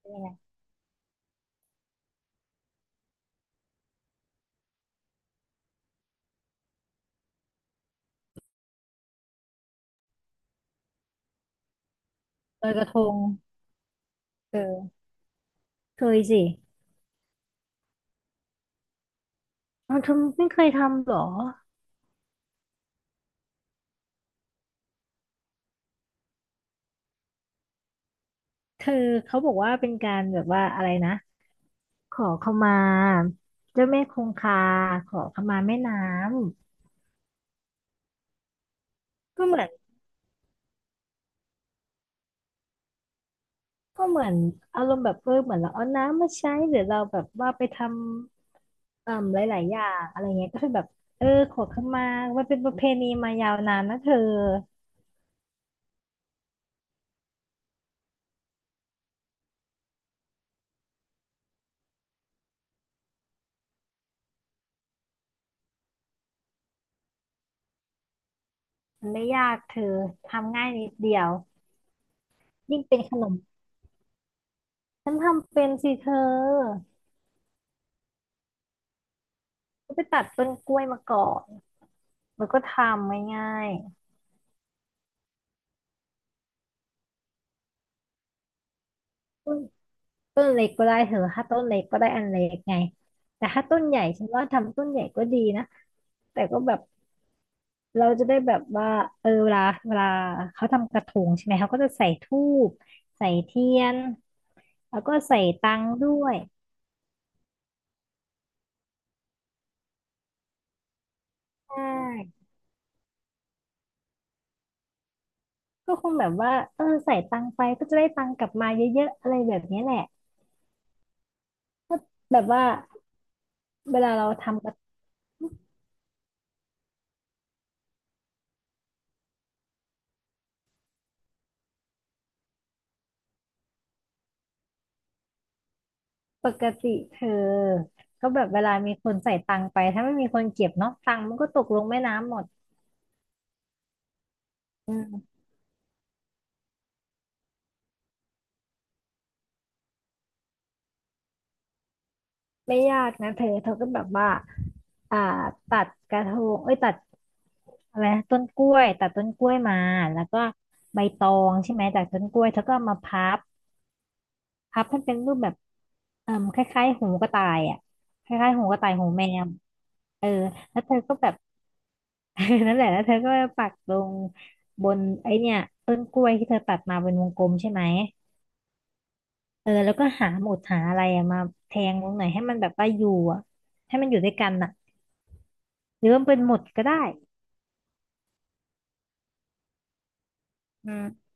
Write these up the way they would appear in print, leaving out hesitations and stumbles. เป็นยังไงลอยกระทงเออเคยสิเอาเธอไม่เคยทำเหรอเธอเขาบอกว่าเป็นการแบบว่าอะไรนะขอขมาเจ้าแม่คงคาขอขมาแม่น้ำ ก็เหมือนก็เหมือนอารมณ์แบบเออเหมือนเราเอาน้ำมาใช้หรือเราแบบว่าไปทำหลายๆอย่างอะไรเงี้ยก็คือแบบเออขอขมามันเป็นประเพณีมายาวนานนะเธอมันไม่ยากเธอทำง่ายนิดเดียวยิ่งเป็นขนมฉันทำเป็นสิเธอ ก็ไปตัดต้นกล้วยมาก่อนแล้วก็ทำง่ายๆต้นเล็กก็ได้เถอะถ้าต้นเล็กก็ได้อันเล็กไงแต่ถ้าต้นใหญ่ฉันว่าทำต้นใหญ่ก็ดีนะแต่ก็แบบเราจะได้แบบว่าเออเวลาเขาทำกระทงใช่ไหมเขาก็จะใส่ธูปใส่เทียนแล้วก็ใส่ตังค์ด้วยใช่ก็คงแบบว่าเออใส่ตังค์ไปก็จะได้ตังค์กลับมาเยอะๆอะไรแบบนี้แหละแบบว่าเวลาเราทำกระ ปกติเธอก็แบบเวลามีคนใส่ตังค์ไปถ้าไม่มีคนเก็บเนาะตังค์มันก็ตกลงแม่น้ำหมดไม่ยากนะเธอเธอก็แบบว่าอ่าตัดกระทงเอ้ยตัดอะไรนะต้นกล้วยตัดต้นกล้วยมาแล้วก็ใบตองใช่ไหมจากต้นกล้วยเธอก็เอามาพับพับให้เป็นรูปแบบคล้ายๆหูกระต่ายอ่ะคล้ายๆหูกระต่ายหูแมวเออแล้วเธอก็แบบ นั่นแหละแล้วเธอก็ปักลงบนไอเนี่ยต้นกล้วยที่เธอตัดมาเป็นวงกลมใช่ไหมเออแล้วก็หาหมุดหาอะไรอะมาแทงลงหน่อยให้มันแบบว่าอยู่อะให้มันอยู่ด้วยกันน่ะหรือว่าเป็นหมุดก็ได้อืม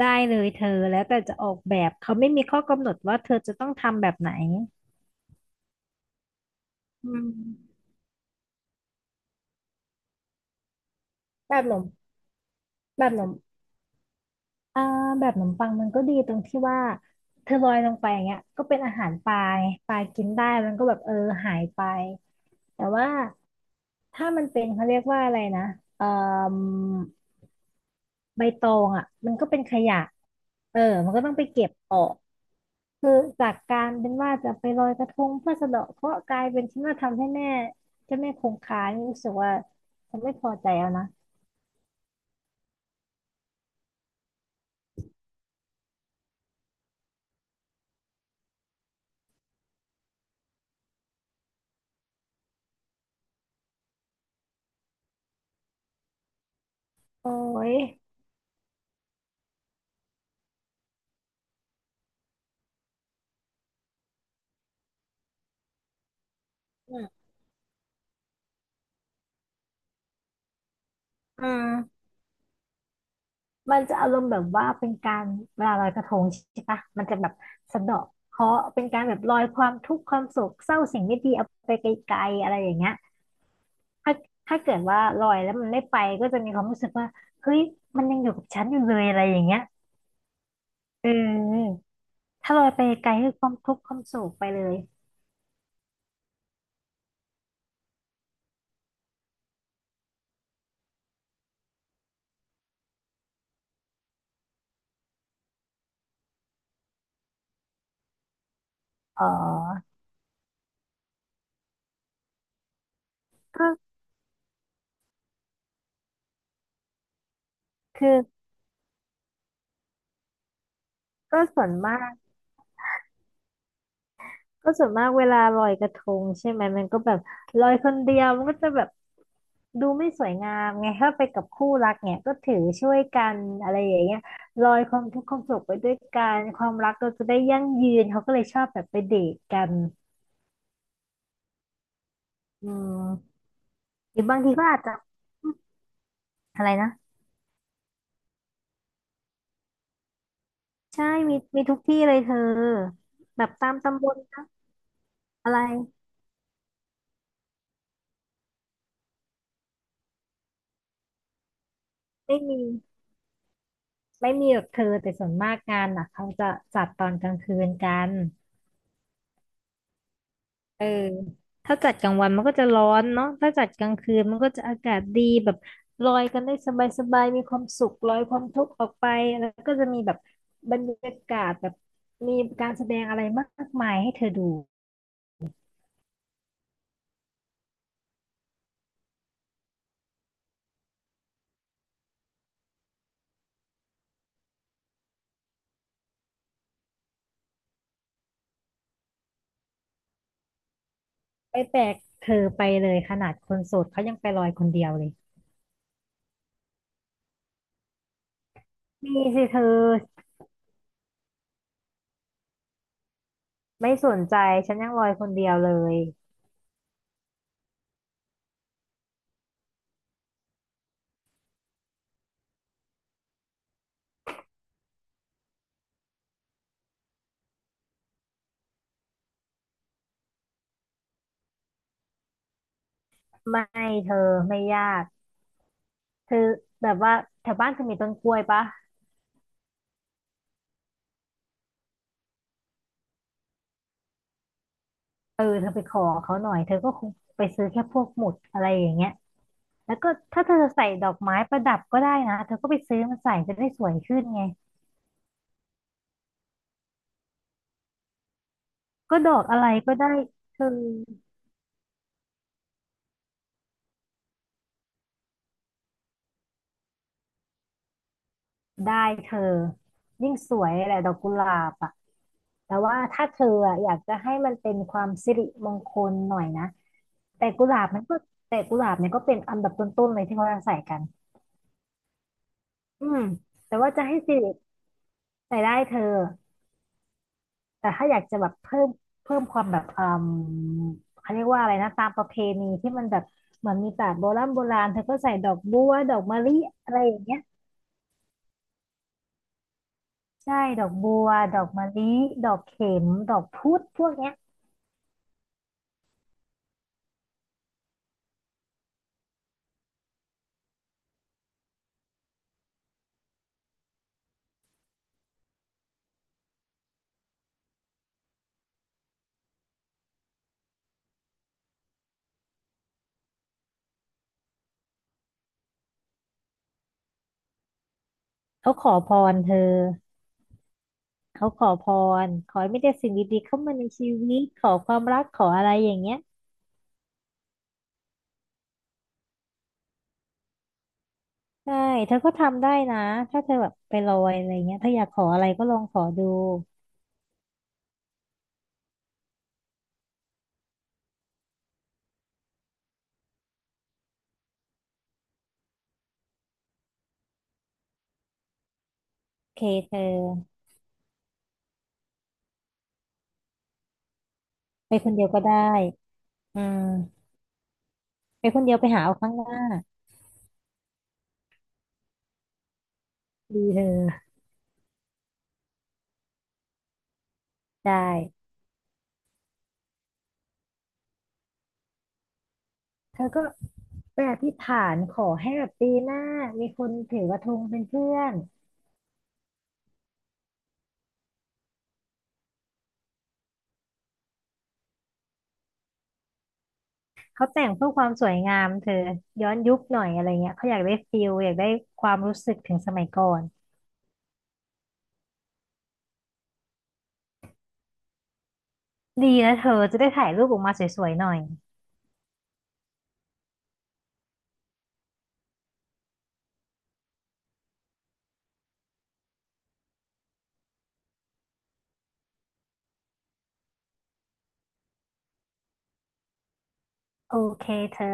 ได้เลยเธอแล้วแต่จะออกแบบเขาไม่มีข้อกำหนดว่าเธอจะต้องทำแบบไหนอืมแบบหนมแบบหนมอ่าแบบหนมปังมันก็ดีตรงที่ว่าเธอลอยลงไปอย่างเงี้ยก็เป็นอาหารปลาไงปลากินได้มันก็แบบเออหายไป แต่ว่าถ้ามันเป็นเขาเรียกว่าอะไรนะเอ่อใบตองอ่ะมันก็เป็นขยะเออมันก็ต้องไปเก็บออกคือจากการเป็นว่าจะไปลอยกระทงเพื่อสะเดาะเคราะห์กลายเป็นที่ม่าทำให้แม่เจ้าแม่คงคานี่รู้สึกว่าฉันไม่พอใจแล้วนะโอ้ยอืมอืมมันจะอารมณ์แบบว่าเป็นการเวลาลอยกระทงใช่ปะมันจะแบบสะเดาะเคราะห์เป็นการแบบลอยความทุกข์ความโศกเศร้าสิ่งไม่ดีเอาไปไกลๆอะไรอย่างเงี้ย ถ้าถ้าเกิดว่าลอยแล้วมันไม่ไปก็จะมีความรู้สึกว่าเฮ้ยมันยังอยู่กับฉันอยู่เลยอะไรอย่างเงี้ยเออถ้าลอยไปไกลคือความทุกข์ความโศกไปเลยอ๋อก็คือก็ส่วนมากเวลาลอยกระทงใช่ไหมมันก็แบบลอยคนเดียวมันก็จะแบบดูไม่สวยงามไงถ้าไปกับคู่รักเนี่ยก็ถือช่วยกันอะไรอย่างเงี้ยลอยความทุกข์ความสุขไปด้วยกันความรักเราจะได้ยั่งยืนเขาก็เลยชอบแบบไปเดทกันอืมหรือบางทีก็อาจจะ อะไรนะใช่มีทุกที่เลยเธอแบบตามตำบลนะอะไรไม่มีหรอกเธอแต่ส่วนมากงานน่ะเขาจะจัดตอนกลางคืนกันเออถ้าจัดกลางวันมันก็จะร้อนเนาะถ้าจัดกลางคืนมันก็จะอากาศดีแบบลอยกันได้สบายๆมีความสุขลอยความทุกข์ออกไปแล้วก็จะมีแบบบรรยากาศแบบมีการแสดงอะไรมากมายให้เธอดูไปแปลกเธอไปเลยขนาดคนโสดเขายังไปลอยคนเดียวเลยมีสิเธอ ไม่สนใจฉันยังลอยคนเดียวเลยไม่เธอไม่ยากเธอแบบว่าแถวบ้านเธอมีต้นกล้วยปะเออเธอไปขอเขาหน่อยเธอก็คงไปซื้อแค่พวกหมุดอะไรอย่างเงี้ยแล้วก็ถ้าเธอใส่ดอกไม้ประดับก็ได้นะเธอก็ไปซื้อมาใส่จะได้สวยขึ้นไงก็ดอกอะไรก็ได้เธอได้เธอยิ่งสวยแหละดอกกุหลาบอ่ะ แต่ว่าถ้าเธออะอยากจะให้มันเป็นความสิริมงคลหน่อยนะแต่กุหลาบมันก็แต่กุหลาบเนี่ยก็เป็นอันดับต้นๆเลยที่เขาจะใส่กันอืมแต่ว่าจะให้สิริใส่ได้เธอแต่ถ้าอยากจะแบบเพิ่มความแบบอืมเขาเรียกว่าอะไรนะตามประเพณีที่มันแบบเหมือนมีแต่โบราณเธอก็ใส่ดอกบัวดอกมะลิอะไรอย่างเงี้ยใช่ดอกบัวดอกมะลิดอกเข็มดอกพุดพวกเนี้ยเขาขอพรเธอ เขาขอพรขอให้ไม่แต่ได้สิ่งดีๆเข้ามาในชีวิตขอความรักขออะไรอย่างเงี้ยใช่เธอก็ทำได้นะถ้าเธอแบบไปลอยอะไรเงี้ยถ้าอยากขออะไรก็ลองขอดูโอเคเธอไปคนเดียวก็ได้อืมไปคนเดียวไปหาเอาข้างหน้าดีเธอได้เธอก็ไปอธิษฐานขอให้แบบปีหน้ามีคนถือกระทงเป็นเพื่อนเขาแต่งเพื่อความสวยงามเธอย้อนยุคหน่อยอะไรเงี้ยเขาอยากได้ฟิลอยากได้ความรู้สึกถึงสมัยก่อน ดีนะเธอจะได้ถ่ายรูปออกมาสวยๆหน่อยโอเคเธอ